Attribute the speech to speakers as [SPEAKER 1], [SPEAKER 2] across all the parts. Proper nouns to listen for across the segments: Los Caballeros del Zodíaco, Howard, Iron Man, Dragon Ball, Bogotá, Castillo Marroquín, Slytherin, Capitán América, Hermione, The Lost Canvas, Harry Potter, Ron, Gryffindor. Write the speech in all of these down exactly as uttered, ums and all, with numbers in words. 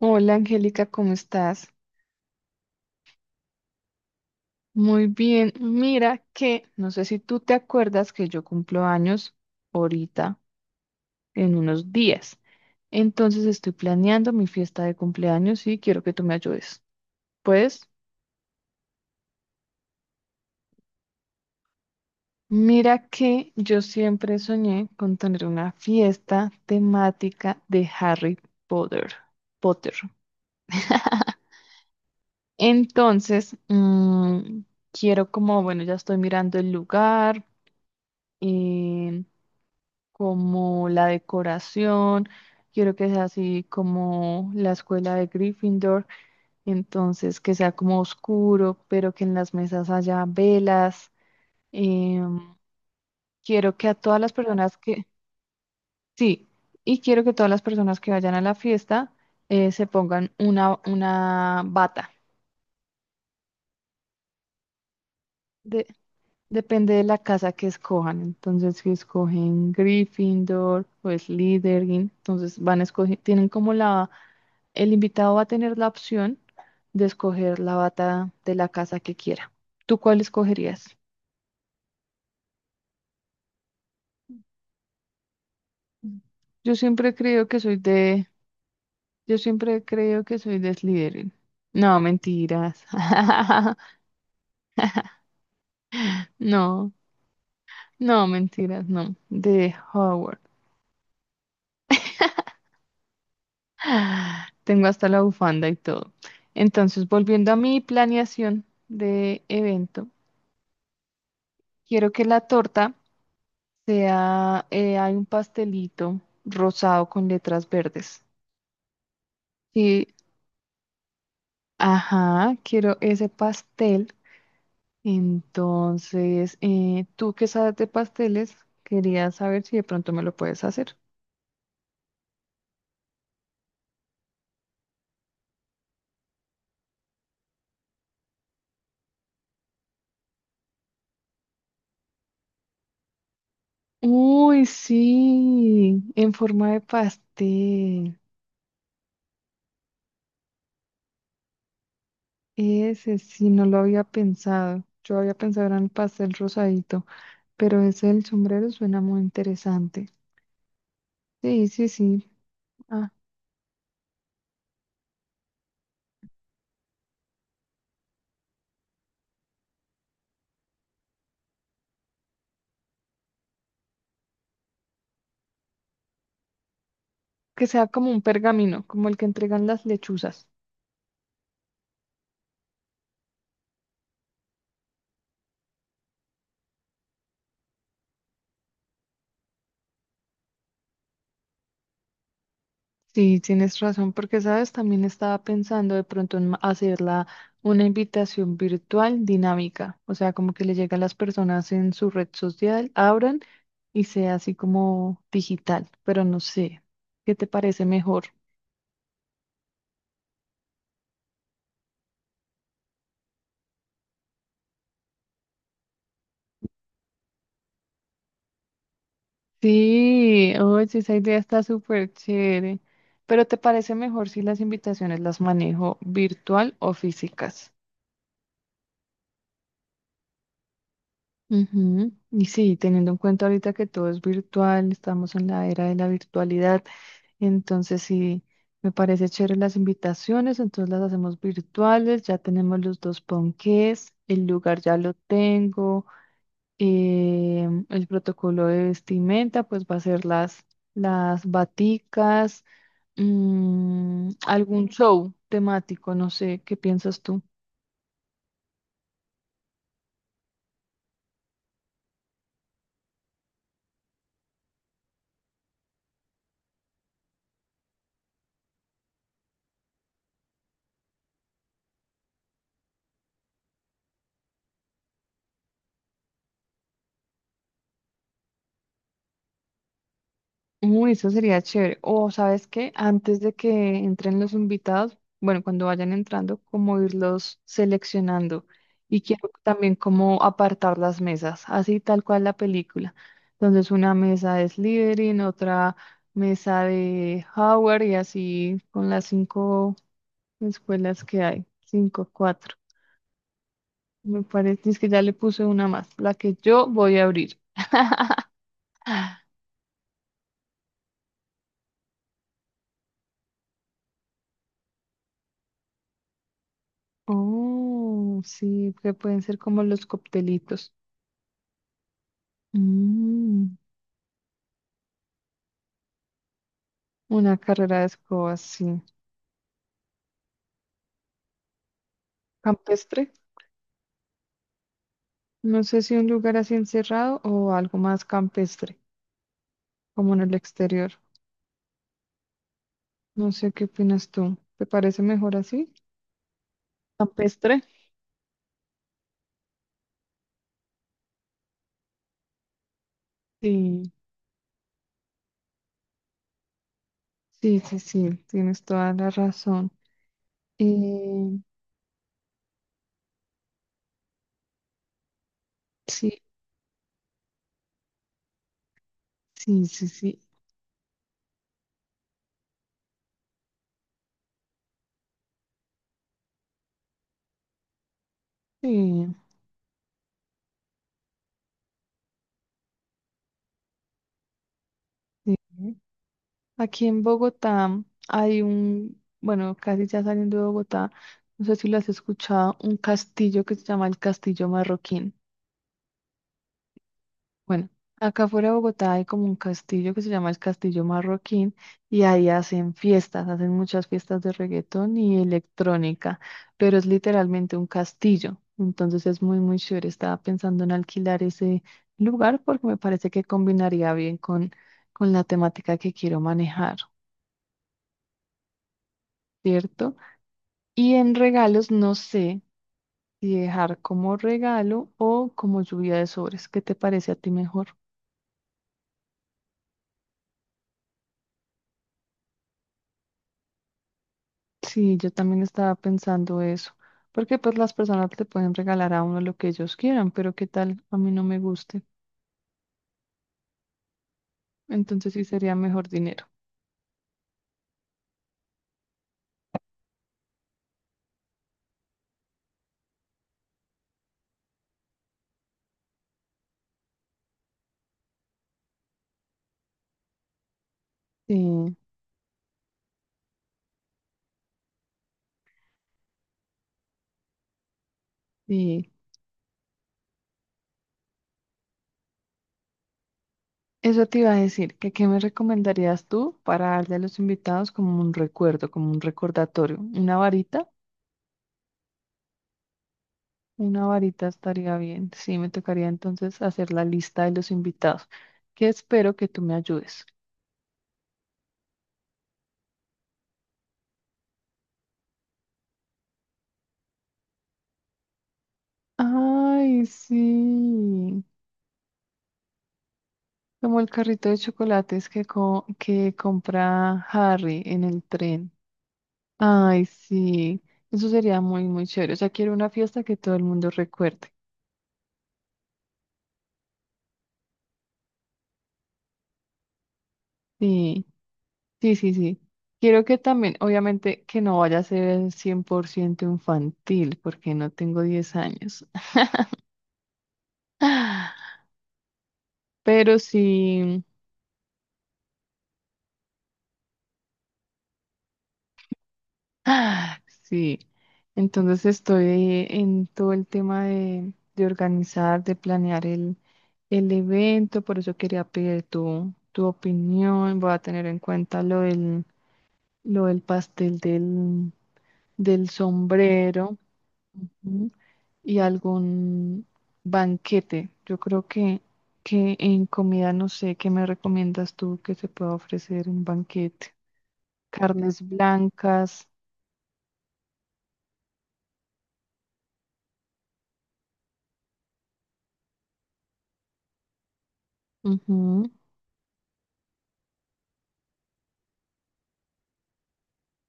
[SPEAKER 1] Hola, Angélica, ¿cómo estás? Muy bien. Mira que, no sé si tú te acuerdas que yo cumplo años ahorita, en unos días. Entonces estoy planeando mi fiesta de cumpleaños y quiero que tú me ayudes. Pues, mira que yo siempre soñé con tener una fiesta temática de Harry Potter. Potter. Entonces, mm, quiero como, bueno, ya estoy mirando el lugar. eh, Como la decoración, quiero que sea así como la escuela de Gryffindor, entonces que sea como oscuro, pero que en las mesas haya velas. em, Quiero que a todas las personas que, sí, y quiero que todas las personas que vayan a la fiesta eh, se pongan una, una bata. De- depende de la casa que escojan. Entonces, si escogen Gryffindor o Slytherin, entonces van a escoger, tienen como la. El invitado va a tener la opción de escoger la bata de la casa que quiera. ¿Tú cuál escogerías? Mm. Yo siempre creo que soy de, yo siempre creo que soy de Slytherin. No, mentiras. No, no, mentiras, no. De Howard. Ah, tengo hasta la bufanda y todo. Entonces, volviendo a mi planeación de evento, quiero que la torta sea, eh, hay un pastelito rosado con letras verdes. Sí, ajá, quiero ese pastel. Entonces, eh, tú que sabes de pasteles, quería saber si de pronto me lo puedes hacer. Uy, sí, en forma de pastel. Ese sí, no lo había pensado. Yo había pensado en el pastel rosadito, pero ese del sombrero suena muy interesante. Sí, sí, sí. Ah, que sea como un pergamino, como el que entregan las lechuzas. Sí, tienes razón, porque sabes, también estaba pensando de pronto en ma- hacerla una invitación virtual dinámica, o sea, como que le llega a las personas en su red social, abran y sea así como digital, pero no sé, ¿qué te parece mejor? Sí, oye, esa idea está súper chévere, pero ¿te parece mejor si las invitaciones las manejo virtual o físicas? Ujú. Y sí, teniendo en cuenta ahorita que todo es virtual, estamos en la era de la virtualidad. Entonces, sí, me parece chévere las invitaciones, entonces las hacemos virtuales, ya tenemos los dos ponqués, el lugar ya lo tengo, eh, el protocolo de vestimenta, pues va a ser las, las baticas, mm, algún show temático, no sé, ¿qué piensas tú? Uy, eso sería chévere. O, ¿sabes qué? Antes de que entren los invitados, bueno, cuando vayan entrando, como irlos seleccionando. Y quiero también como apartar las mesas, así tal cual la película. Entonces, una mesa de Slytherin, otra mesa de Howard y así con las cinco escuelas que hay. Cinco, cuatro. Me parece es que ya le puse una más, la que yo voy a abrir. Ah. Oh, sí, que pueden ser como los coctelitos. Mm, una carrera de escobas, sí. Campestre. No sé si un lugar así encerrado o algo más campestre, como en el exterior. No sé qué opinas tú. ¿Te parece mejor así? Campestre. Sí, sí, sí, sí. Tienes toda la razón. Eh, sí, sí, sí, sí. Sí, sí. Aquí en Bogotá hay un, bueno, casi ya saliendo de Bogotá, no sé si lo has escuchado, un castillo que se llama el Castillo Marroquín. Bueno, acá fuera de Bogotá hay como un castillo que se llama el Castillo Marroquín y ahí hacen fiestas, hacen muchas fiestas de reggaetón y electrónica, pero es literalmente un castillo, entonces es muy, muy chévere. Estaba pensando en alquilar ese lugar porque me parece que combinaría bien con, con la temática que quiero manejar, ¿cierto? Y en regalos no sé si dejar como regalo o como lluvia de sobres. ¿Qué te parece a ti mejor? Sí, yo también estaba pensando eso, porque pues las personas le pueden regalar a uno lo que ellos quieran, pero qué tal a mí no me guste, entonces sí sería mejor dinero. Sí, sí. Eso te iba a decir, que qué me recomendarías tú para darle a los invitados como un recuerdo, como un recordatorio, una varita, una varita estaría bien. Sí, me tocaría entonces hacer la lista de los invitados, que espero que tú me ayudes. Ay, sí. Como el carrito de chocolates que, co- que compra Harry en el tren. Ay, sí, eso sería muy, muy chévere. O sea, quiero una fiesta que todo el mundo recuerde. Sí, sí, sí, sí. Quiero que también, obviamente, que no vaya a ser cien por ciento infantil, porque no tengo diez años. Pero sí. Ah, sí, entonces estoy eh, en todo el tema de, de organizar, de planear el, el evento, por eso quería pedir tu, tu opinión, voy a tener en cuenta lo del, lo del pastel del, del sombrero, ujú, y algún banquete. Yo creo que, que en comida, no sé, ¿qué me recomiendas tú que se pueda ofrecer un banquete? Carnes blancas.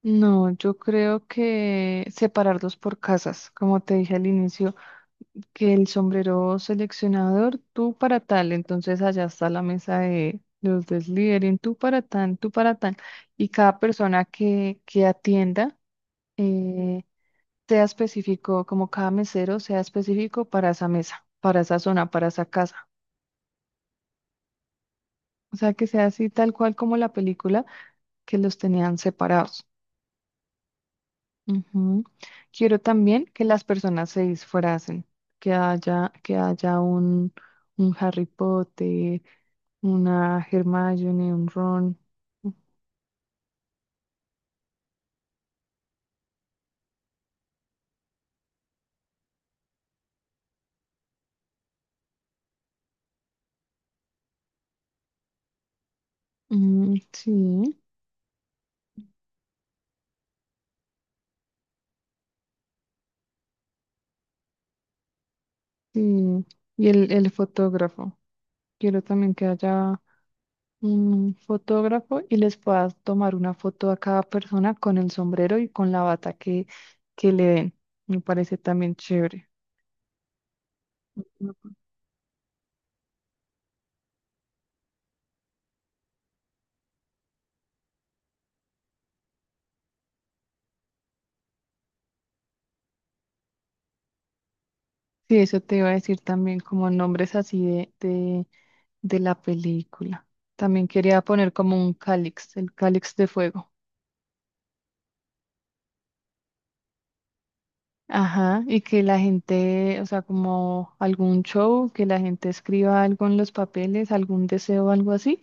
[SPEAKER 1] No, yo creo que separarlos por casas, como te dije al inicio, que el sombrero seleccionador, tú para tal, entonces allá está la mesa de los deslíderes, tú para tal, tú para tal, y cada persona que, que atienda, eh, sea específico, como cada mesero sea específico para esa mesa, para esa zona, para esa casa. O sea, que sea así tal cual como la película que los tenían separados. Ujú. Quiero también que las personas se disfracen, que haya, que haya un, un Harry Potter, una Hermione, un Ron. Mm, sí, sí. Y el, el fotógrafo. Quiero también que haya un fotógrafo y les puedas tomar una foto a cada persona con el sombrero y con la bata que, que le den. Me parece también chévere. Ujú. Sí, eso te iba a decir también, como nombres así de, de de la película. También quería poner como un cáliz, el cáliz de fuego. Ajá, y que la gente, o sea, como algún show, que la gente escriba algo en los papeles, algún deseo, algo así,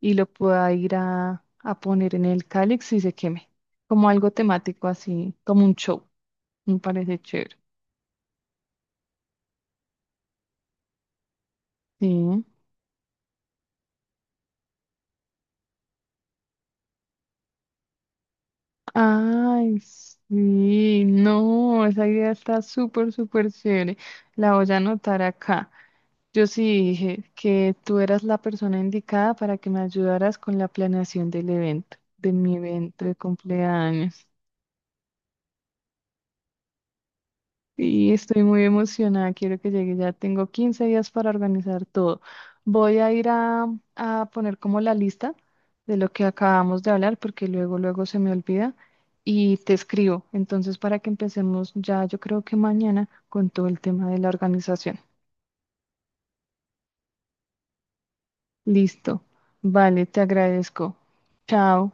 [SPEAKER 1] y lo pueda ir a, a poner en el cáliz y se queme. Como algo temático así, como un show. Me parece chévere. Sí. Ay, sí, no, esa idea está súper, súper chévere. La voy a anotar acá. Yo sí dije que tú eras la persona indicada para que me ayudaras con la planeación del evento, de mi evento de cumpleaños. Y estoy muy emocionada, quiero que llegue, ya tengo quince días para organizar todo. Voy a ir a, a poner como la lista de lo que acabamos de hablar, porque luego, luego se me olvida y te escribo. Entonces, para que empecemos ya, yo creo que mañana con todo el tema de la organización. Listo. Vale, te agradezco. Chao.